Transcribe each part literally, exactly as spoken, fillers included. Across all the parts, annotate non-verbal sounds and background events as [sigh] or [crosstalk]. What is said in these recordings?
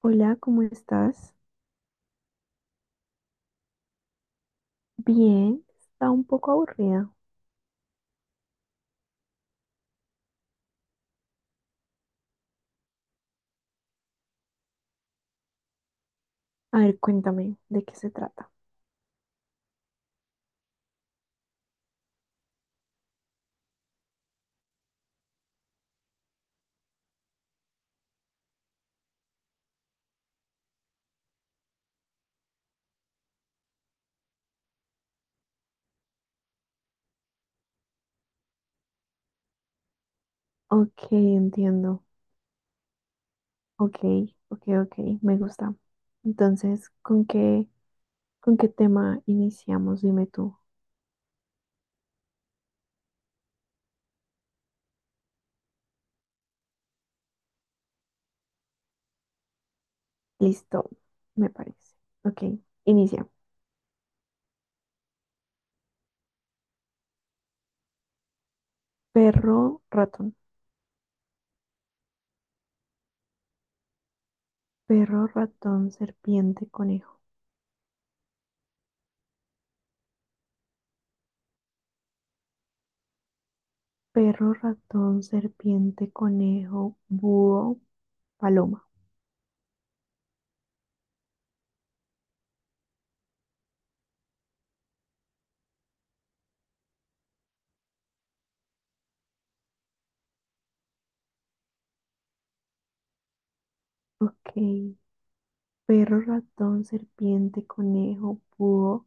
Hola, ¿cómo estás? Bien, está un poco aburrida. A ver, cuéntame de qué se trata. Ok, entiendo. Ok, ok, ok, me gusta. Entonces, ¿con qué, ¿con qué tema iniciamos? Dime tú. Listo, me parece. Ok, inicia. Perro, ratón. Perro, ratón, serpiente, conejo. Perro, ratón, serpiente, conejo, búho, paloma. Ok, perro, ratón, serpiente, conejo, búho,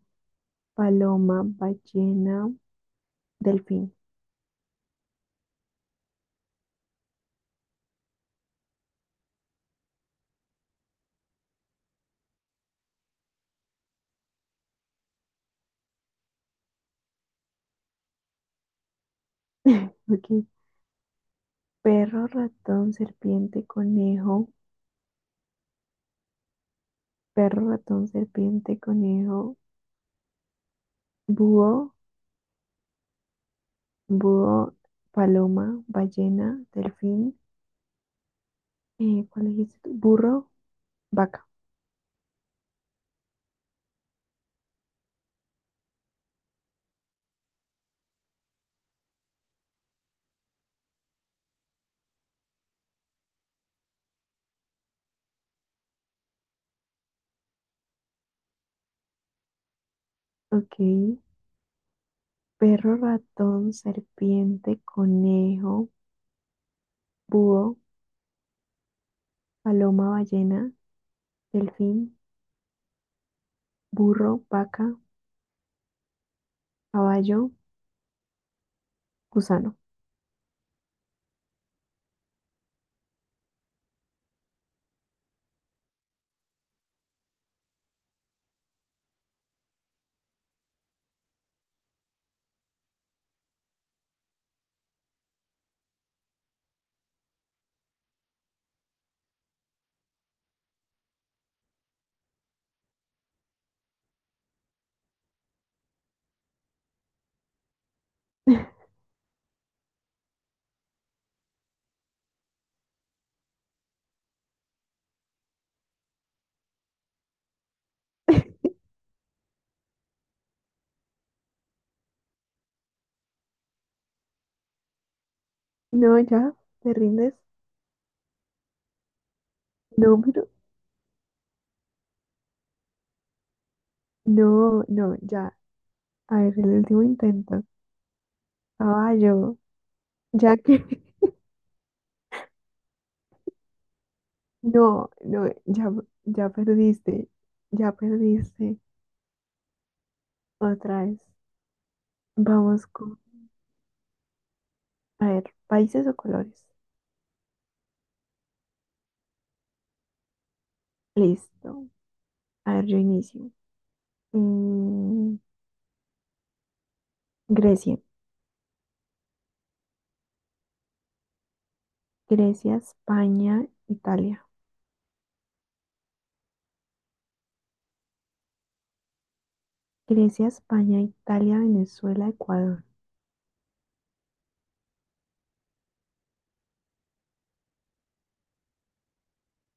paloma, ballena, delfín. [laughs] Ok. Perro, ratón, serpiente, conejo. Perro, ratón, serpiente, conejo, búho, búho, paloma, ballena, delfín. Eh, ¿cuál dijiste tú? Burro, vaca. Ok. Perro, ratón, serpiente, conejo, búho, paloma, ballena, delfín, burro, vaca, caballo, gusano. No, ya, te rindes. No, pero, no, no, ya. A ver, el último intento. Caballo, ya que, [laughs] no, no, ya, ya perdiste, ya perdiste. Otra vez. Vamos con, a ver, países o colores. Listo. A ver, yo inicio. Mm, Grecia, Grecia, España, Italia. Grecia, España, Italia, Venezuela, Ecuador.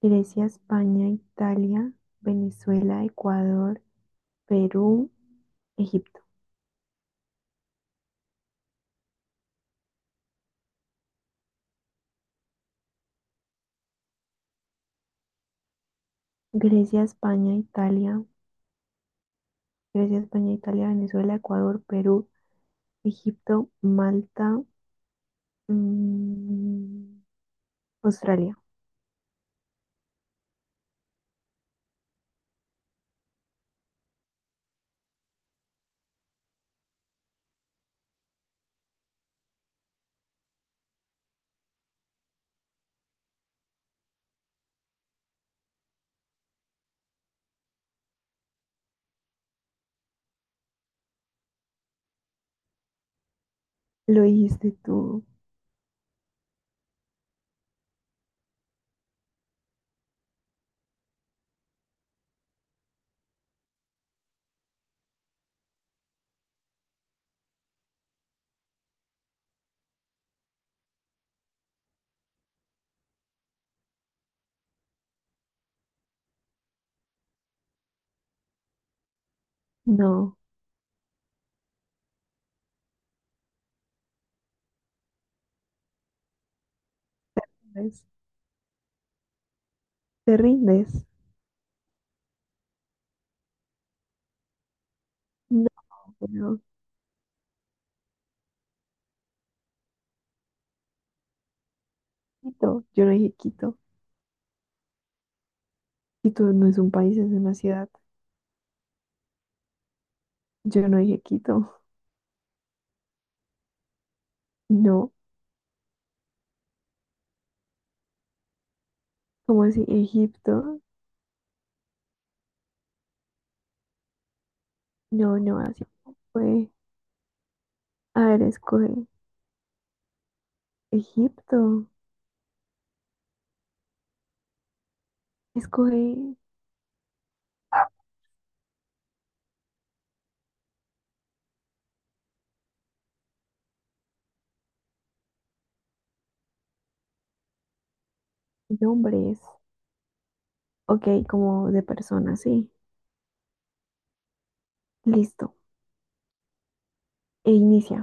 Grecia, España, Italia, Venezuela, Ecuador. Perú, Egipto, Grecia, España, Italia, Grecia, España, Italia, Venezuela, Ecuador, Perú, Egipto, Malta, mm, Australia. Lo dijiste tú. No, ¿ves? ¿Te rindes? No, pero Quito. Yo no dije Quito. Quito no es un país, es una ciudad. Yo no dije Quito. No. ¿Cómo así? Egipto. No, no, así no fue. A ver, escoge Egipto. Escoge nombres. Ok, como de persona, sí. Listo. E inicia.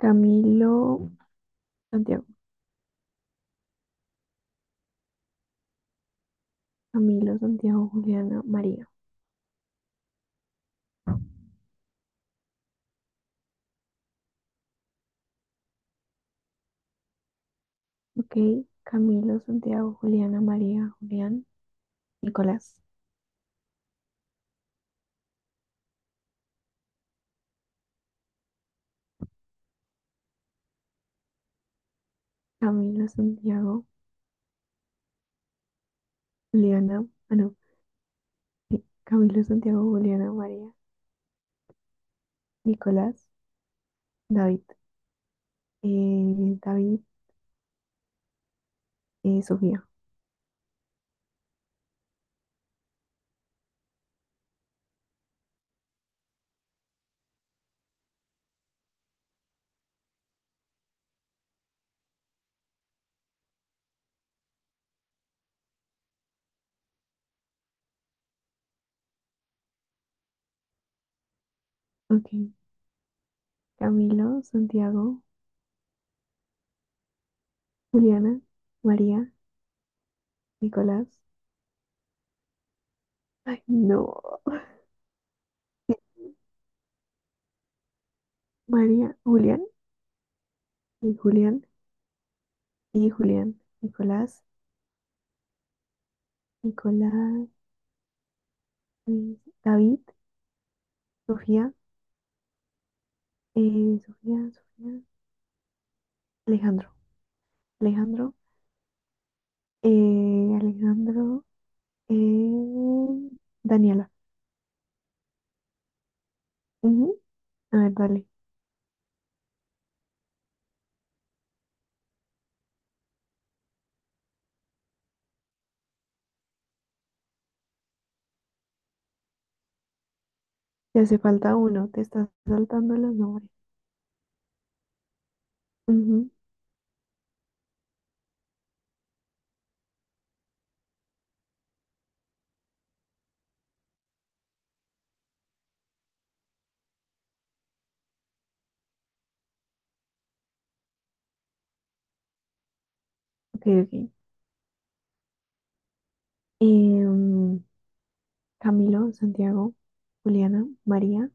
Camilo, Santiago. Camilo, Santiago, Juliana, María. Ok. Camilo, Santiago, Juliana, María, Julián, Nicolás. Camilo, Santiago, Juliana. Ah, no. Sí, Camilo, Santiago, Juliana, María, Nicolás, David. Eh, David eh, Sofía. Ok. Camilo, Santiago, Juliana, María, Nicolás. Ay, no. Sí, María Julián y Julián. Y Julián, Nicolás, Nicolás, Luis, David, Sofía, eh, Sofía, Sofía, Alejandro, Alejandro, eh, Alejandro, eh, Daniela. Ujú. A ver, dale. Te hace falta uno, te estás saltando los nombres. Ujú. Ok, ok. Em, Camilo, Santiago, Juliana, María,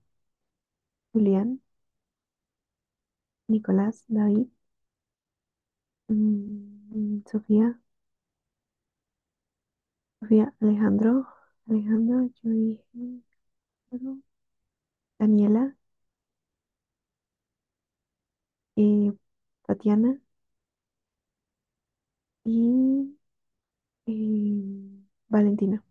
Julián, Nicolás, David, mm, Sofía, Sofía, Alejandro, Alejandro, yo dije. Alejandro. Daniela, eh, Tatiana y eh, Valentina.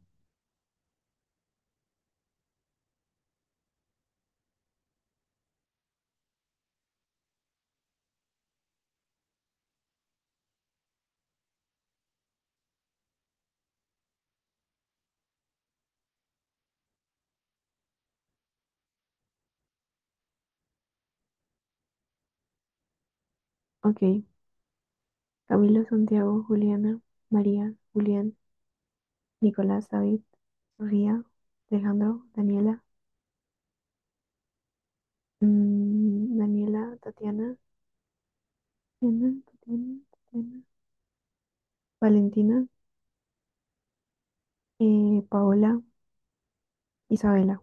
Ok, Camilo, Santiago, Juliana, María, Julián, Nicolás, David, Sofía, Alejandro, Daniela, mm, Daniela, Tatiana, Tatiana, Tatiana, Tatiana, Valentina, eh, Paola, Isabela.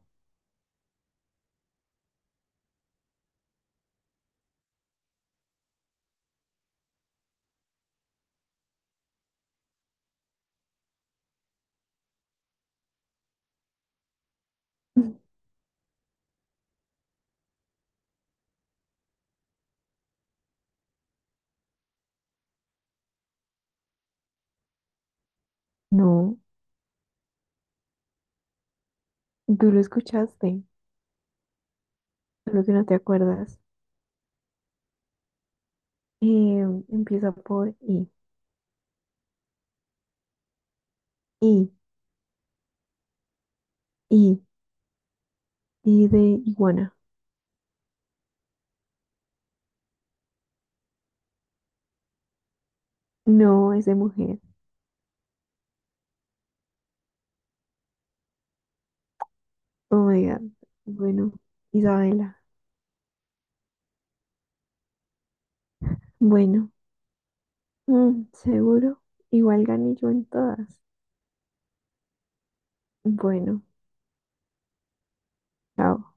[laughs] No, tú lo escuchaste, solo que no te acuerdas. Eh, empieza por I, I, I, I de iguana. No es de mujer. Oh my God. Bueno, Isabela. Bueno, mm, seguro. Igual gané yo en todas. Bueno, chao.